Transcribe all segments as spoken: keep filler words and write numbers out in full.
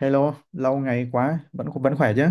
Hello, lâu ngày quá, vẫn vẫn khỏe chứ?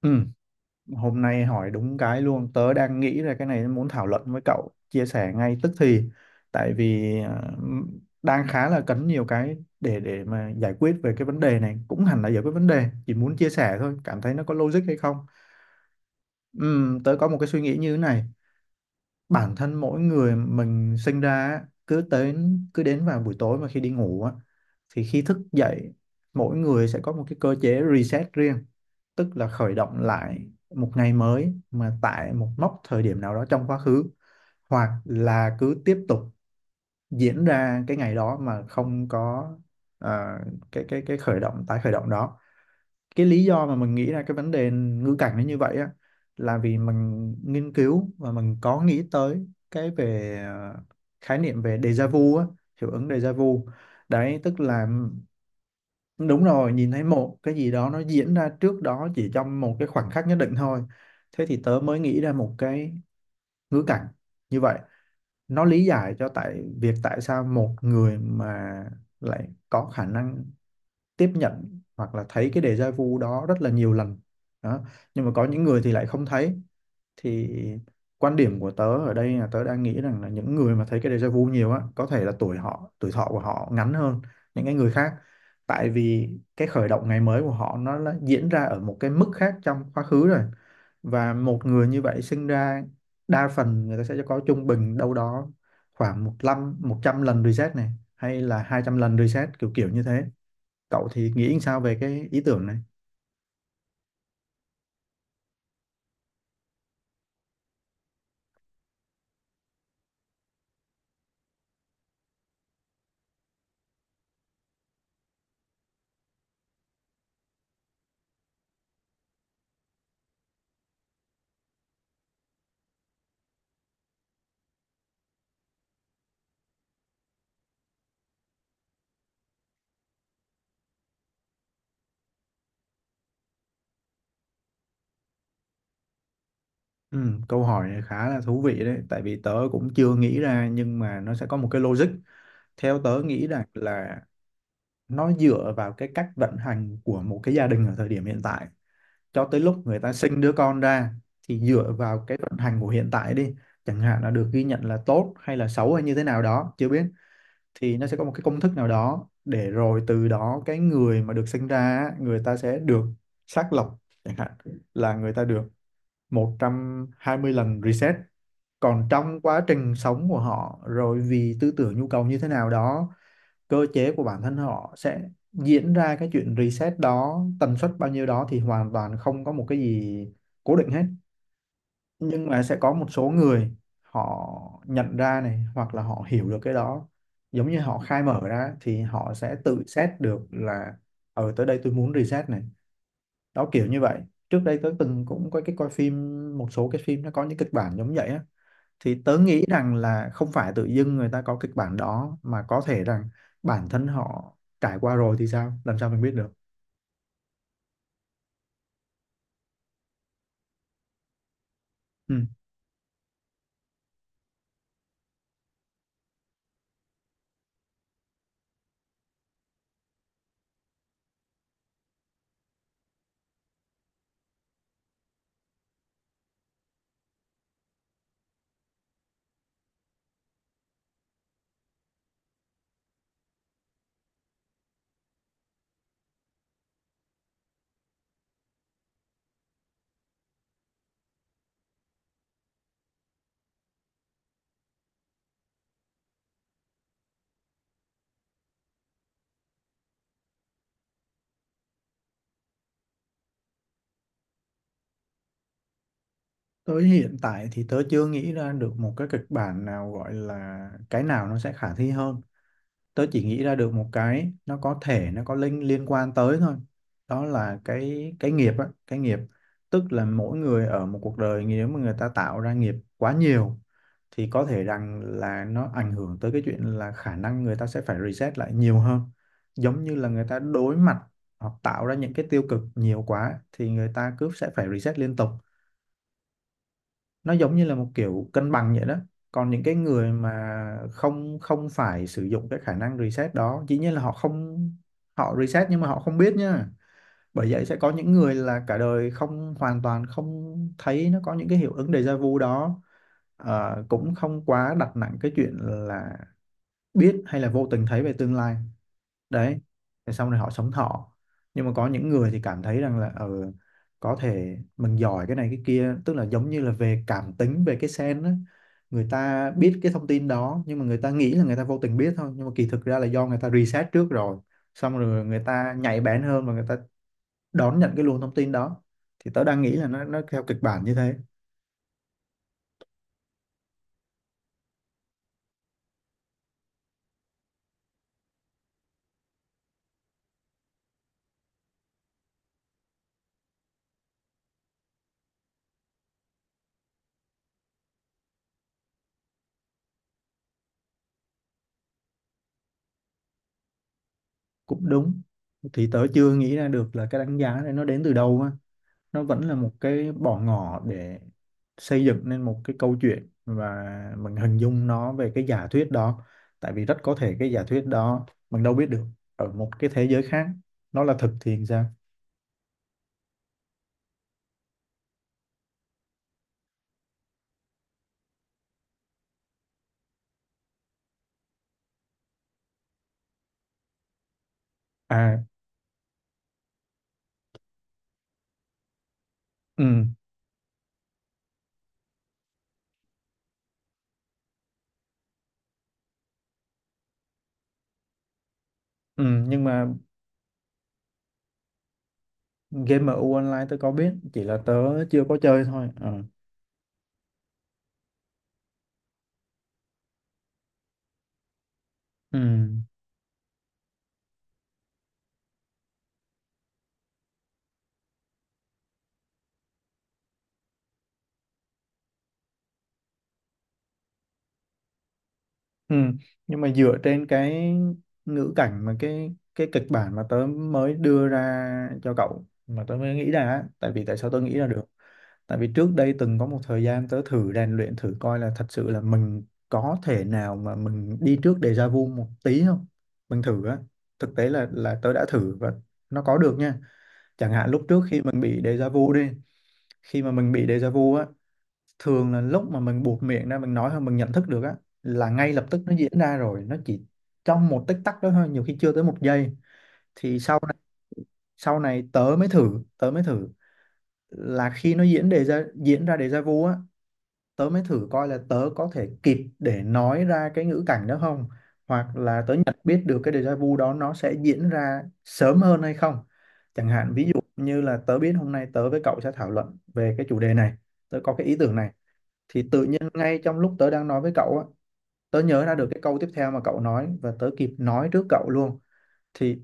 Ừ, hôm nay hỏi đúng cái luôn, tớ đang nghĩ ra cái này muốn thảo luận với cậu, chia sẻ ngay tức thì, tại vì ờ, đang khá là cấn nhiều cái để để mà giải quyết về cái vấn đề này, cũng hẳn là giải quyết vấn đề, chỉ muốn chia sẻ thôi, cảm thấy nó có logic hay không? Ừ, tớ có một cái suy nghĩ như thế này, bản thân mỗi người mình sinh ra á, cứ đến cứ đến vào buổi tối mà khi đi ngủ á, thì khi thức dậy mỗi người sẽ có một cái cơ chế reset riêng, tức là khởi động lại một ngày mới mà tại một mốc thời điểm nào đó trong quá khứ, hoặc là cứ tiếp tục diễn ra cái ngày đó mà không có ờ, cái cái cái khởi động tái khởi động đó. Cái lý do mà mình nghĩ ra cái vấn đề ngữ cảnh nó như vậy á là vì mình nghiên cứu và mình có nghĩ tới cái về ờ, khái niệm về déjà vu á, hiệu ứng déjà vu, đấy tức là đúng rồi, nhìn thấy một cái gì đó nó diễn ra trước đó chỉ trong một cái khoảnh khắc nhất định thôi. Thế thì tớ mới nghĩ ra một cái ngữ cảnh như vậy, nó lý giải cho tại việc tại sao một người mà lại có khả năng tiếp nhận hoặc là thấy cái déjà vu đó rất là nhiều lần đó, nhưng mà có những người thì lại không thấy. Thì quan điểm của tớ ở đây là tớ đang nghĩ rằng là những người mà thấy cái déjà vu nhiều á có thể là tuổi họ tuổi thọ của họ ngắn hơn những cái người khác, tại vì cái khởi động ngày mới của họ nó đã diễn ra ở một cái mức khác trong quá khứ rồi. Và một người như vậy sinh ra, đa phần người ta sẽ có trung bình đâu đó khoảng một trăm lần reset này, hay là hai trăm lần reset kiểu kiểu như thế. Cậu thì nghĩ sao về cái ý tưởng này? Ừ, câu hỏi này khá là thú vị đấy, tại vì tớ cũng chưa nghĩ ra nhưng mà nó sẽ có một cái logic. Theo tớ nghĩ rằng là nó dựa vào cái cách vận hành của một cái gia đình ở thời điểm hiện tại. Cho tới lúc người ta sinh đứa con ra thì dựa vào cái vận hành của hiện tại đi. Chẳng hạn là được ghi nhận là tốt hay là xấu hay như thế nào đó, chưa biết. Thì nó sẽ có một cái công thức nào đó để rồi từ đó cái người mà được sinh ra á, người ta sẽ được xác lọc chẳng hạn là người ta được một trăm hai mươi lần reset, còn trong quá trình sống của họ rồi vì tư tưởng nhu cầu như thế nào đó, cơ chế của bản thân họ sẽ diễn ra cái chuyện reset đó tần suất bao nhiêu đó thì hoàn toàn không có một cái gì cố định hết. Nhưng mà sẽ có một số người họ nhận ra này, hoặc là họ hiểu được cái đó, giống như họ khai mở ra thì họ sẽ tự xét được là ở tới đây tôi muốn reset này, đó kiểu như vậy. Trước đây tớ từng cũng có cái coi phim, một số cái phim nó có những kịch bản giống vậy á, thì tớ nghĩ rằng là không phải tự dưng người ta có kịch bản đó mà có thể rằng bản thân họ trải qua rồi thì sao làm sao mình biết được. Ừ. Tới hiện tại thì tớ chưa nghĩ ra được một cái kịch bản nào gọi là cái nào nó sẽ khả thi hơn, tớ chỉ nghĩ ra được một cái nó có thể nó có liên liên quan tới thôi, đó là cái cái nghiệp á, cái nghiệp, tức là mỗi người ở một cuộc đời nếu mà người ta tạo ra nghiệp quá nhiều thì có thể rằng là nó ảnh hưởng tới cái chuyện là khả năng người ta sẽ phải reset lại nhiều hơn, giống như là người ta đối mặt hoặc tạo ra những cái tiêu cực nhiều quá thì người ta cứ sẽ phải reset liên tục, nó giống như là một kiểu cân bằng vậy đó. Còn những cái người mà không không phải sử dụng cái khả năng reset đó, dĩ nhiên là họ không, họ reset nhưng mà họ không biết nha, bởi vậy sẽ có những người là cả đời không, hoàn toàn không thấy nó có những cái hiệu ứng déjà vu đó. Ờ, cũng không quá đặt nặng cái chuyện là biết hay là vô tình thấy về tương lai, đấy, thế xong rồi họ sống thọ. Nhưng mà có những người thì cảm thấy rằng là ừ, có thể mình giỏi cái này cái kia, tức là giống như là về cảm tính về cái sen á, người ta biết cái thông tin đó nhưng mà người ta nghĩ là người ta vô tình biết thôi, nhưng mà kỳ thực ra là do người ta research trước rồi, xong rồi người ta nhạy bén hơn và người ta đón nhận cái luồng thông tin đó. Thì tớ đang nghĩ là nó nó theo kịch bản như thế. Cũng đúng, thì tớ chưa nghĩ ra được là cái đánh giá này nó đến từ đâu á, nó vẫn là một cái bỏ ngỏ để xây dựng nên một cái câu chuyện và mình hình dung nó về cái giả thuyết đó, tại vì rất có thể cái giả thuyết đó mình đâu biết được, ở một cái thế giới khác nó là thực thì sao. À, ừ, ừ nhưng mà game mu Online tớ có biết, chỉ là tớ chưa có chơi thôi. Ờ, ừ, ừ nhưng mà dựa trên cái ngữ cảnh mà cái cái kịch bản mà tớ mới đưa ra cho cậu mà tớ mới nghĩ ra á, tại vì tại sao tớ nghĩ ra được. Tại vì trước đây từng có một thời gian tớ thử rèn luyện, thử coi là thật sự là mình có thể nào mà mình đi trước déjà vu một tí không? Mình thử á. Thực tế là là tớ đã thử và nó có được nha. Chẳng hạn lúc trước khi mình bị déjà vu đi, khi mà mình bị déjà vu á, thường là lúc mà mình buột miệng ra mình nói thôi mình nhận thức được á, là ngay lập tức nó diễn ra rồi, nó chỉ trong một tích tắc đó thôi, nhiều khi chưa tới một giây. Thì sau này, sau này tớ mới thử, tớ mới thử là khi nó diễn đề ra diễn ra déjà vu á, tớ mới thử coi là tớ có thể kịp để nói ra cái ngữ cảnh đó không, hoặc là tớ nhận biết được cái déjà vu đó nó sẽ diễn ra sớm hơn hay không. Chẳng hạn ví dụ như là tớ biết hôm nay tớ với cậu sẽ thảo luận về cái chủ đề này, tớ có cái ý tưởng này, thì tự nhiên ngay trong lúc tớ đang nói với cậu á, tớ nhớ ra được cái câu tiếp theo mà cậu nói và tớ kịp nói trước cậu luôn. Thì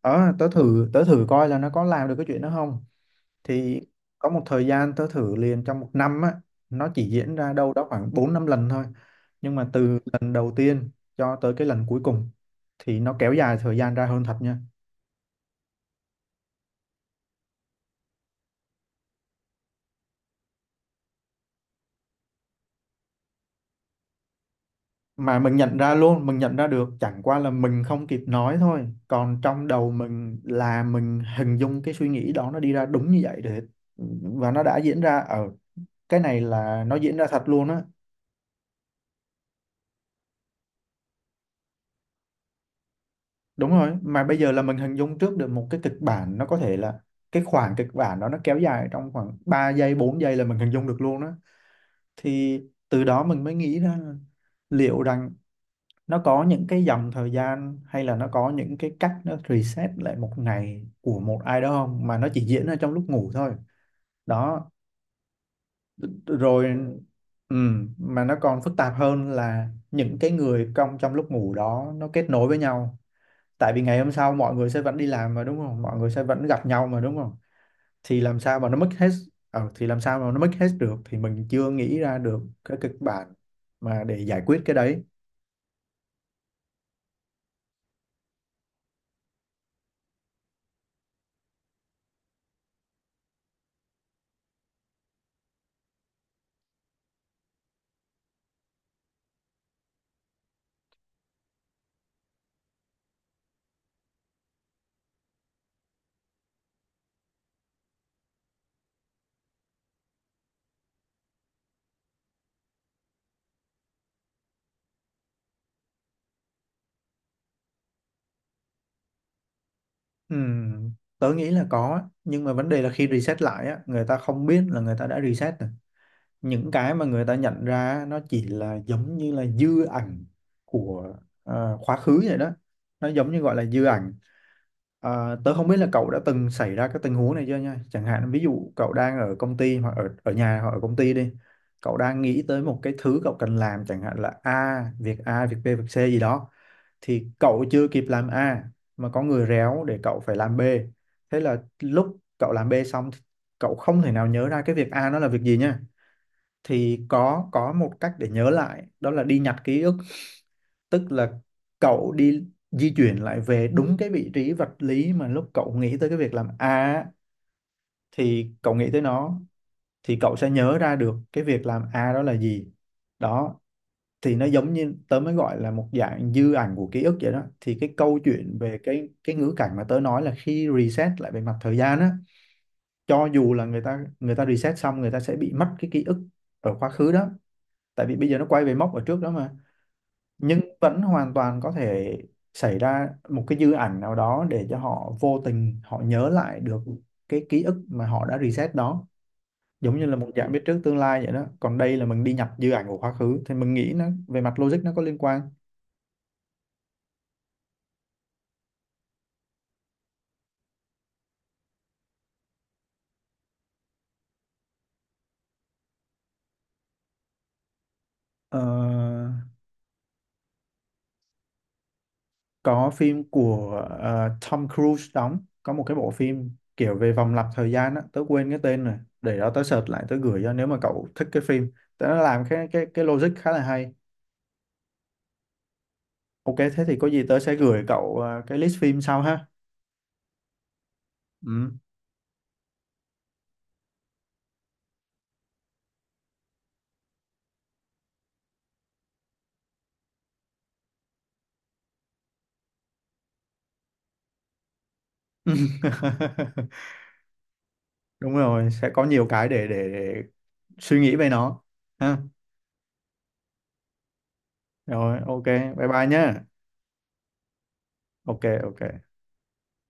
ờ, tớ thử tớ thử coi là nó có làm được cái chuyện đó không. Thì có một thời gian tớ thử liền trong một năm á, nó chỉ diễn ra đâu đó khoảng bốn năm lần thôi, nhưng mà từ lần đầu tiên cho tới cái lần cuối cùng thì nó kéo dài thời gian ra hơn thật nha. Mà mình nhận ra luôn, mình nhận ra được chẳng qua là mình không kịp nói thôi, còn trong đầu mình là mình hình dung cái suy nghĩ đó nó đi ra đúng như vậy để, và nó đã diễn ra ở, cái này là nó diễn ra thật luôn á. Đúng rồi, mà bây giờ là mình hình dung trước được một cái kịch bản nó có thể là cái khoảng kịch bản đó nó kéo dài trong khoảng ba giây, bốn giây là mình hình dung được luôn đó. Thì từ đó mình mới nghĩ ra là liệu rằng nó có những cái dòng thời gian hay là nó có những cái cách nó reset lại một ngày của một ai đó không, mà nó chỉ diễn ra trong lúc ngủ thôi. Đó, rồi ừ, mà nó còn phức tạp hơn là những cái người trong trong lúc ngủ đó nó kết nối với nhau, tại vì ngày hôm sau mọi người sẽ vẫn đi làm mà đúng không, mọi người sẽ vẫn gặp nhau mà đúng không, thì làm sao mà nó mất hết. Ờ, thì làm sao mà nó mất hết được thì mình chưa nghĩ ra được cái kịch bản mà để giải quyết cái đấy. Ừm, tớ nghĩ là có á. Nhưng mà vấn đề là khi reset lại á người ta không biết là người ta đã reset rồi, những cái mà người ta nhận ra á, nó chỉ là giống như là dư ảnh của ờ, quá khứ vậy đó, nó giống như gọi là dư ảnh. À, tớ không biết là cậu đã từng xảy ra cái tình huống này chưa nha. Chẳng hạn ví dụ cậu đang ở công ty hoặc ở ở nhà, hoặc ở công ty đi. Cậu đang nghĩ tới một cái thứ cậu cần làm, chẳng hạn là A, việc A, việc B, việc C gì đó, thì cậu chưa kịp làm A mà có người réo để cậu phải làm B. Thế là lúc cậu làm B xong thì cậu không thể nào nhớ ra cái việc A nó là việc gì nha. Thì có có một cách để nhớ lại, đó là đi nhặt ký ức, tức là cậu đi di chuyển lại về đúng cái vị trí vật lý mà lúc cậu nghĩ tới cái việc làm A thì cậu nghĩ tới nó, thì cậu sẽ nhớ ra được cái việc làm A đó là gì. Đó, thì nó giống như tớ mới gọi là một dạng dư ảnh của ký ức vậy đó. Thì cái câu chuyện về cái cái ngữ cảnh mà tớ nói là khi reset lại về mặt thời gian á, cho dù là người ta người ta reset xong người ta sẽ bị mất cái ký ức ở quá khứ đó, tại vì bây giờ nó quay về mốc ở trước đó mà, nhưng vẫn hoàn toàn có thể xảy ra một cái dư ảnh nào đó để cho họ vô tình họ nhớ lại được cái ký ức mà họ đã reset đó, giống như là một dạng biết trước tương lai vậy đó, còn đây là mình đi nhập dư ảnh của quá khứ thì mình nghĩ nó về mặt logic nó có liên quan. Ờ, có phim của ờ, Tom Cruise đóng, có một cái bộ phim kiểu về vòng lặp thời gian á, tớ quên cái tên rồi, để đó tớ search lại tớ gửi cho, nếu mà cậu thích cái phim tớ làm cái cái cái logic khá là hay. Ok, thế thì có gì tớ sẽ gửi cậu à, cái list phim sau ha. Ừ. Đúng rồi, sẽ có nhiều cái để để, để suy nghĩ về nó. Ha. Rồi, ok, bye bye nhá. Ok, ok.